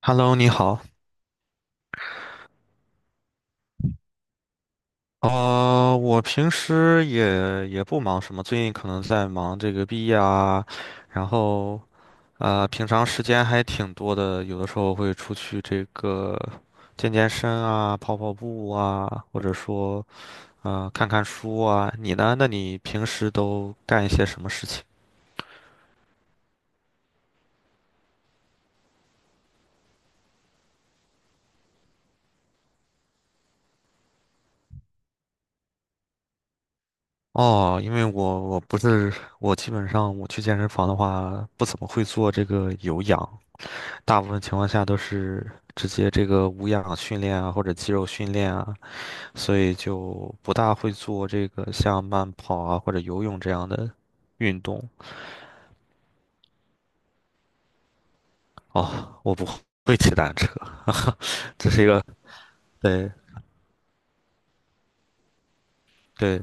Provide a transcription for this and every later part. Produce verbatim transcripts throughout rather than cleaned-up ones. Hello，你好。呃，我平时也也不忙什么，最近可能在忙这个毕业啊，然后呃，平常时间还挺多的，有的时候会出去这个健健身啊，跑跑步啊，或者说呃看看书啊。你呢？那你平时都干一些什么事情？哦，因为我我不是我基本上我去健身房的话，不怎么会做这个有氧，大部分情况下都是直接这个无氧训练啊，或者肌肉训练啊，所以就不大会做这个像慢跑啊或者游泳这样的运动。哦，我不会骑单车，这是一个，对对，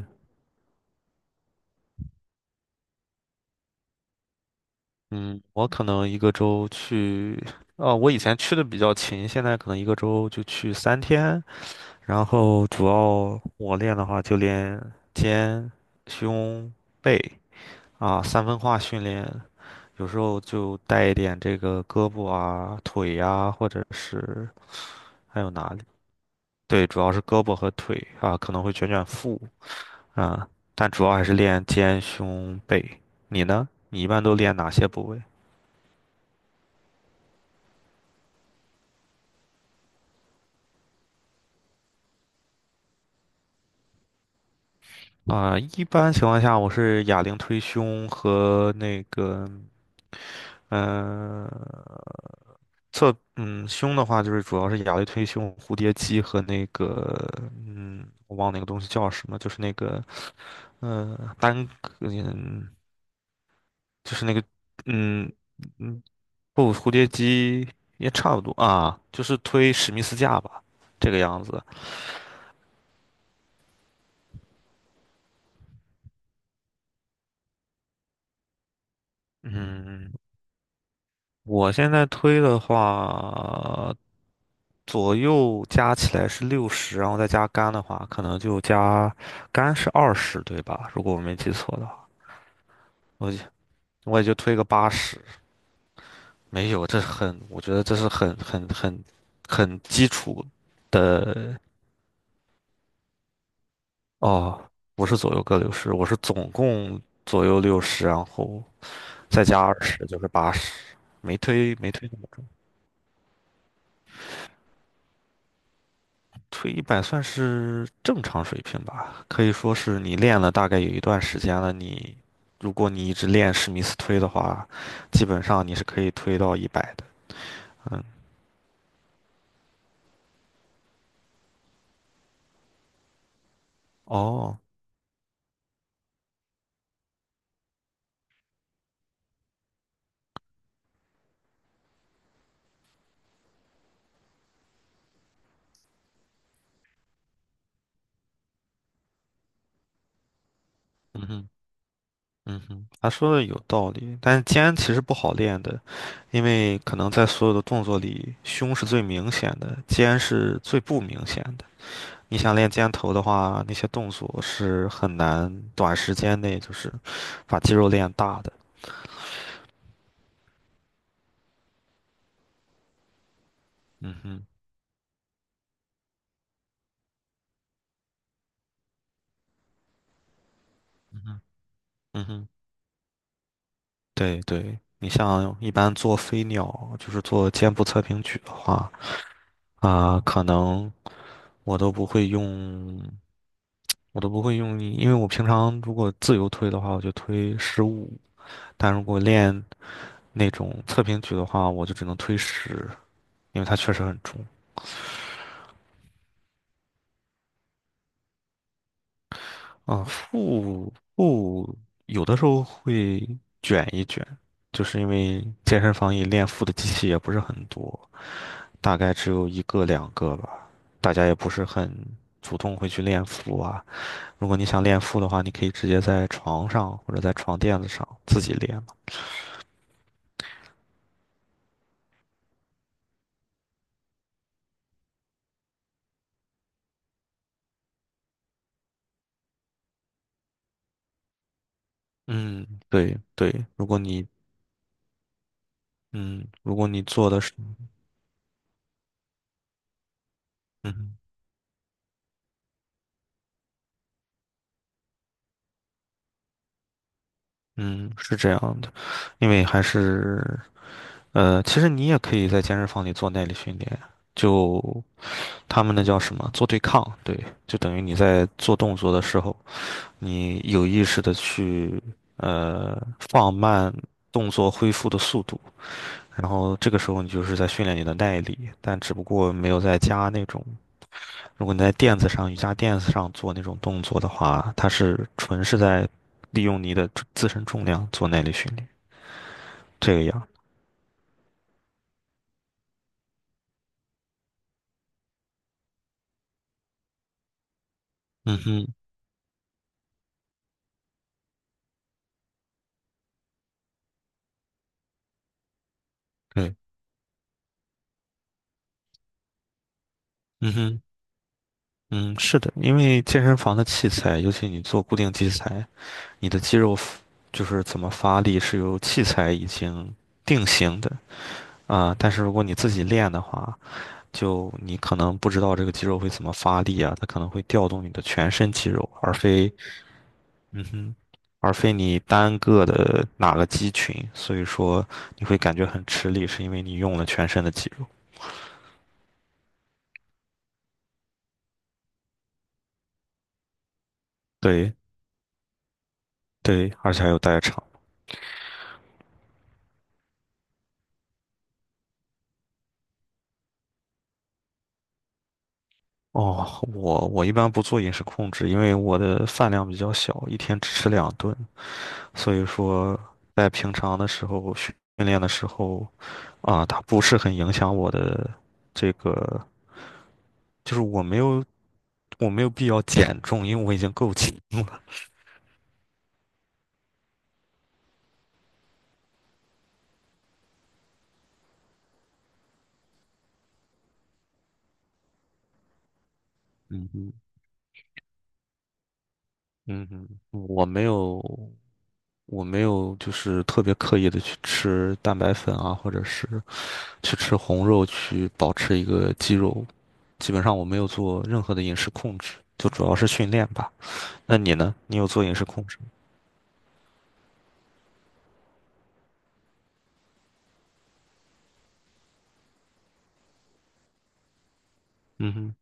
嗯，我可能一个周去，哦，我以前去的比较勤，现在可能一个周就去三天，然后主要我练的话就练肩、胸、背啊，三分化训练。有时候就带一点这个胳膊啊、腿呀、或者是还有哪里？对，主要是胳膊和腿啊，可能会卷卷腹啊，但主要还是练肩、胸、背。你呢？你一般都练哪些部位啊？一般情况下，我是哑铃推胸和那个，嗯、侧嗯胸的话，就是主要是哑类推胸、蝴蝶肌和那个嗯，我忘了那个东西叫什么，就是那个嗯单嗯，就是那个嗯嗯不，蝴蝶肌也差不多啊，就是推史密斯架吧，这个样子。嗯，我现在推的话，左右加起来是六十，然后再加杆的话，可能就加杆是二十，对吧？如果我没记错的话。我我也就推个八十，没有，这很，我觉得这是很很很很基础的。哦，不是左右各六十，我是总共左右六十，然后再加二十就是八十，没推没推那么重，推一百算是正常水平吧，可以说是你练了大概有一段时间了，你如果你一直练史密斯推的话，基本上你是可以推到一百的，嗯，哦，嗯哼。嗯哼，他说的有道理，但是肩其实不好练的，因为可能在所有的动作里，胸是最明显的，肩是最不明显的。你想练肩头的话，那些动作是很难短时间内就是把肌肉练大的。嗯哼，嗯哼，嗯哼，对对，你像一般做飞鸟，就是做肩部侧平举的话，啊、可能我都不会用。我都不会用力，因为我平常如果自由推的话，我就推十五，但如果练那种侧平举的话，我就只能推十，因为它确实很重。啊、腹腹有的时候会卷一卷，就是因为健身房里练腹的机器也不是很多，大概只有一个两个吧，大家也不是很主动会去练腹啊。如果你想练腹的话，你可以直接在床上或者在床垫子上自己练。嗯，对对，如果你嗯，如果你做的是，嗯嗯，是这样的，因为还是呃，其实你也可以在健身房里做耐力训练，就他们那叫什么，做对抗，对，就等于你在做动作的时候，你有意识的去呃放慢动作恢复的速度，然后这个时候你就是在训练你的耐力，但只不过没有在加那种。如果你在垫子上、瑜伽垫子上做那种动作的话，它是纯是在利用你的自身重量做耐力训练，这个样。嗯哼，对，嗯哼，嗯，是的，因为健身房的器材，尤其你做固定器材，你的肌肉 f- 就是怎么发力是由器材已经定型的啊，但是如果你自己练的话，就你可能不知道这个肌肉会怎么发力啊，它可能会调动你的全身肌肉，而非嗯哼，而非你单个的哪个肌群，所以说你会感觉很吃力，是因为你用了全身的肌肉。对对，而且还有代偿。哦，我我一般不做饮食控制，因为我的饭量比较小，一天只吃两顿，所以说在平常的时候训练的时候，啊，它不是很影响我的这个，就是我没有我没有必要减重，因为我已经够轻了。嗯哼。嗯哼，我没有，我没有，就是特别刻意的去吃蛋白粉啊，或者是去吃红肉去保持一个肌肉，基本上我没有做任何的饮食控制，就主要是训练吧。那你呢？你有做饮食控制吗？嗯哼，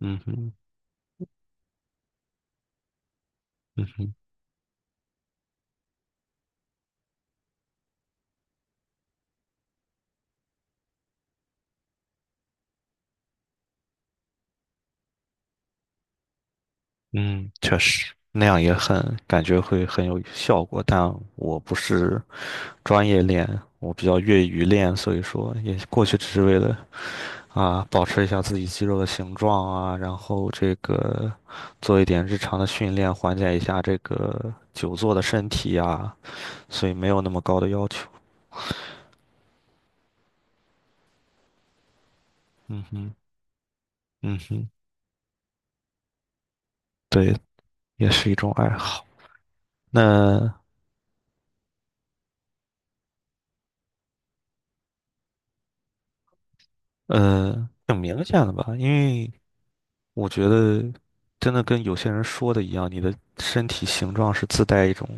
嗯哼，嗯哼，嗯，确实，那样也很，感觉会很有效果，但我不是专业练，我比较业余练，所以说也过去只是为了啊，保持一下自己肌肉的形状啊，然后这个做一点日常的训练，缓解一下这个久坐的身体呀，所以没有那么高的要求。嗯哼，嗯哼，对，也是一种爱好。那呃，挺明显的吧，因为我觉得真的跟有些人说的一样，你的身体形状是自带一种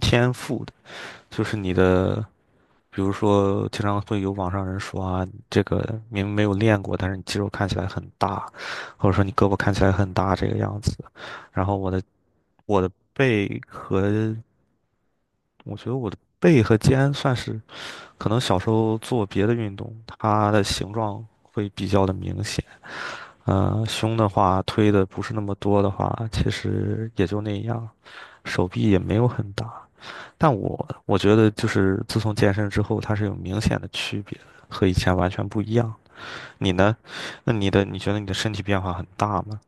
天赋的，就是你的。比如说，经常会有网上人说啊，你这个明明没有练过，但是你肌肉看起来很大，或者说你胳膊看起来很大这个样子。然后我的我的背和我觉得我的背和肩算是可能小时候做别的运动，它的形状会比较的明显。呃，胸的话推的不是那么多的话，其实也就那样，手臂也没有很大。但我我觉得就是自从健身之后，它是有明显的区别的和以前完全不一样。你呢？那你的你觉得你的身体变化很大吗？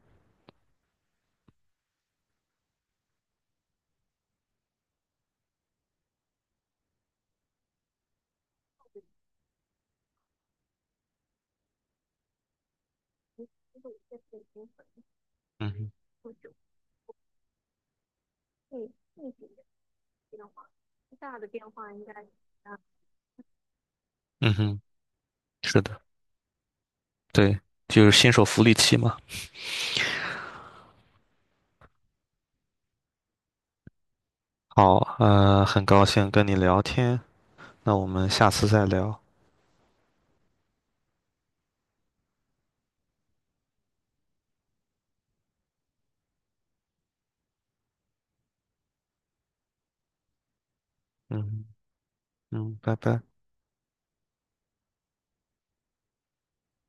嗯哼，嗯哼，是的，对，就是新手福利期嘛。好，呃，很高兴跟你聊天，那我们下次再聊。嗯嗯，拜拜。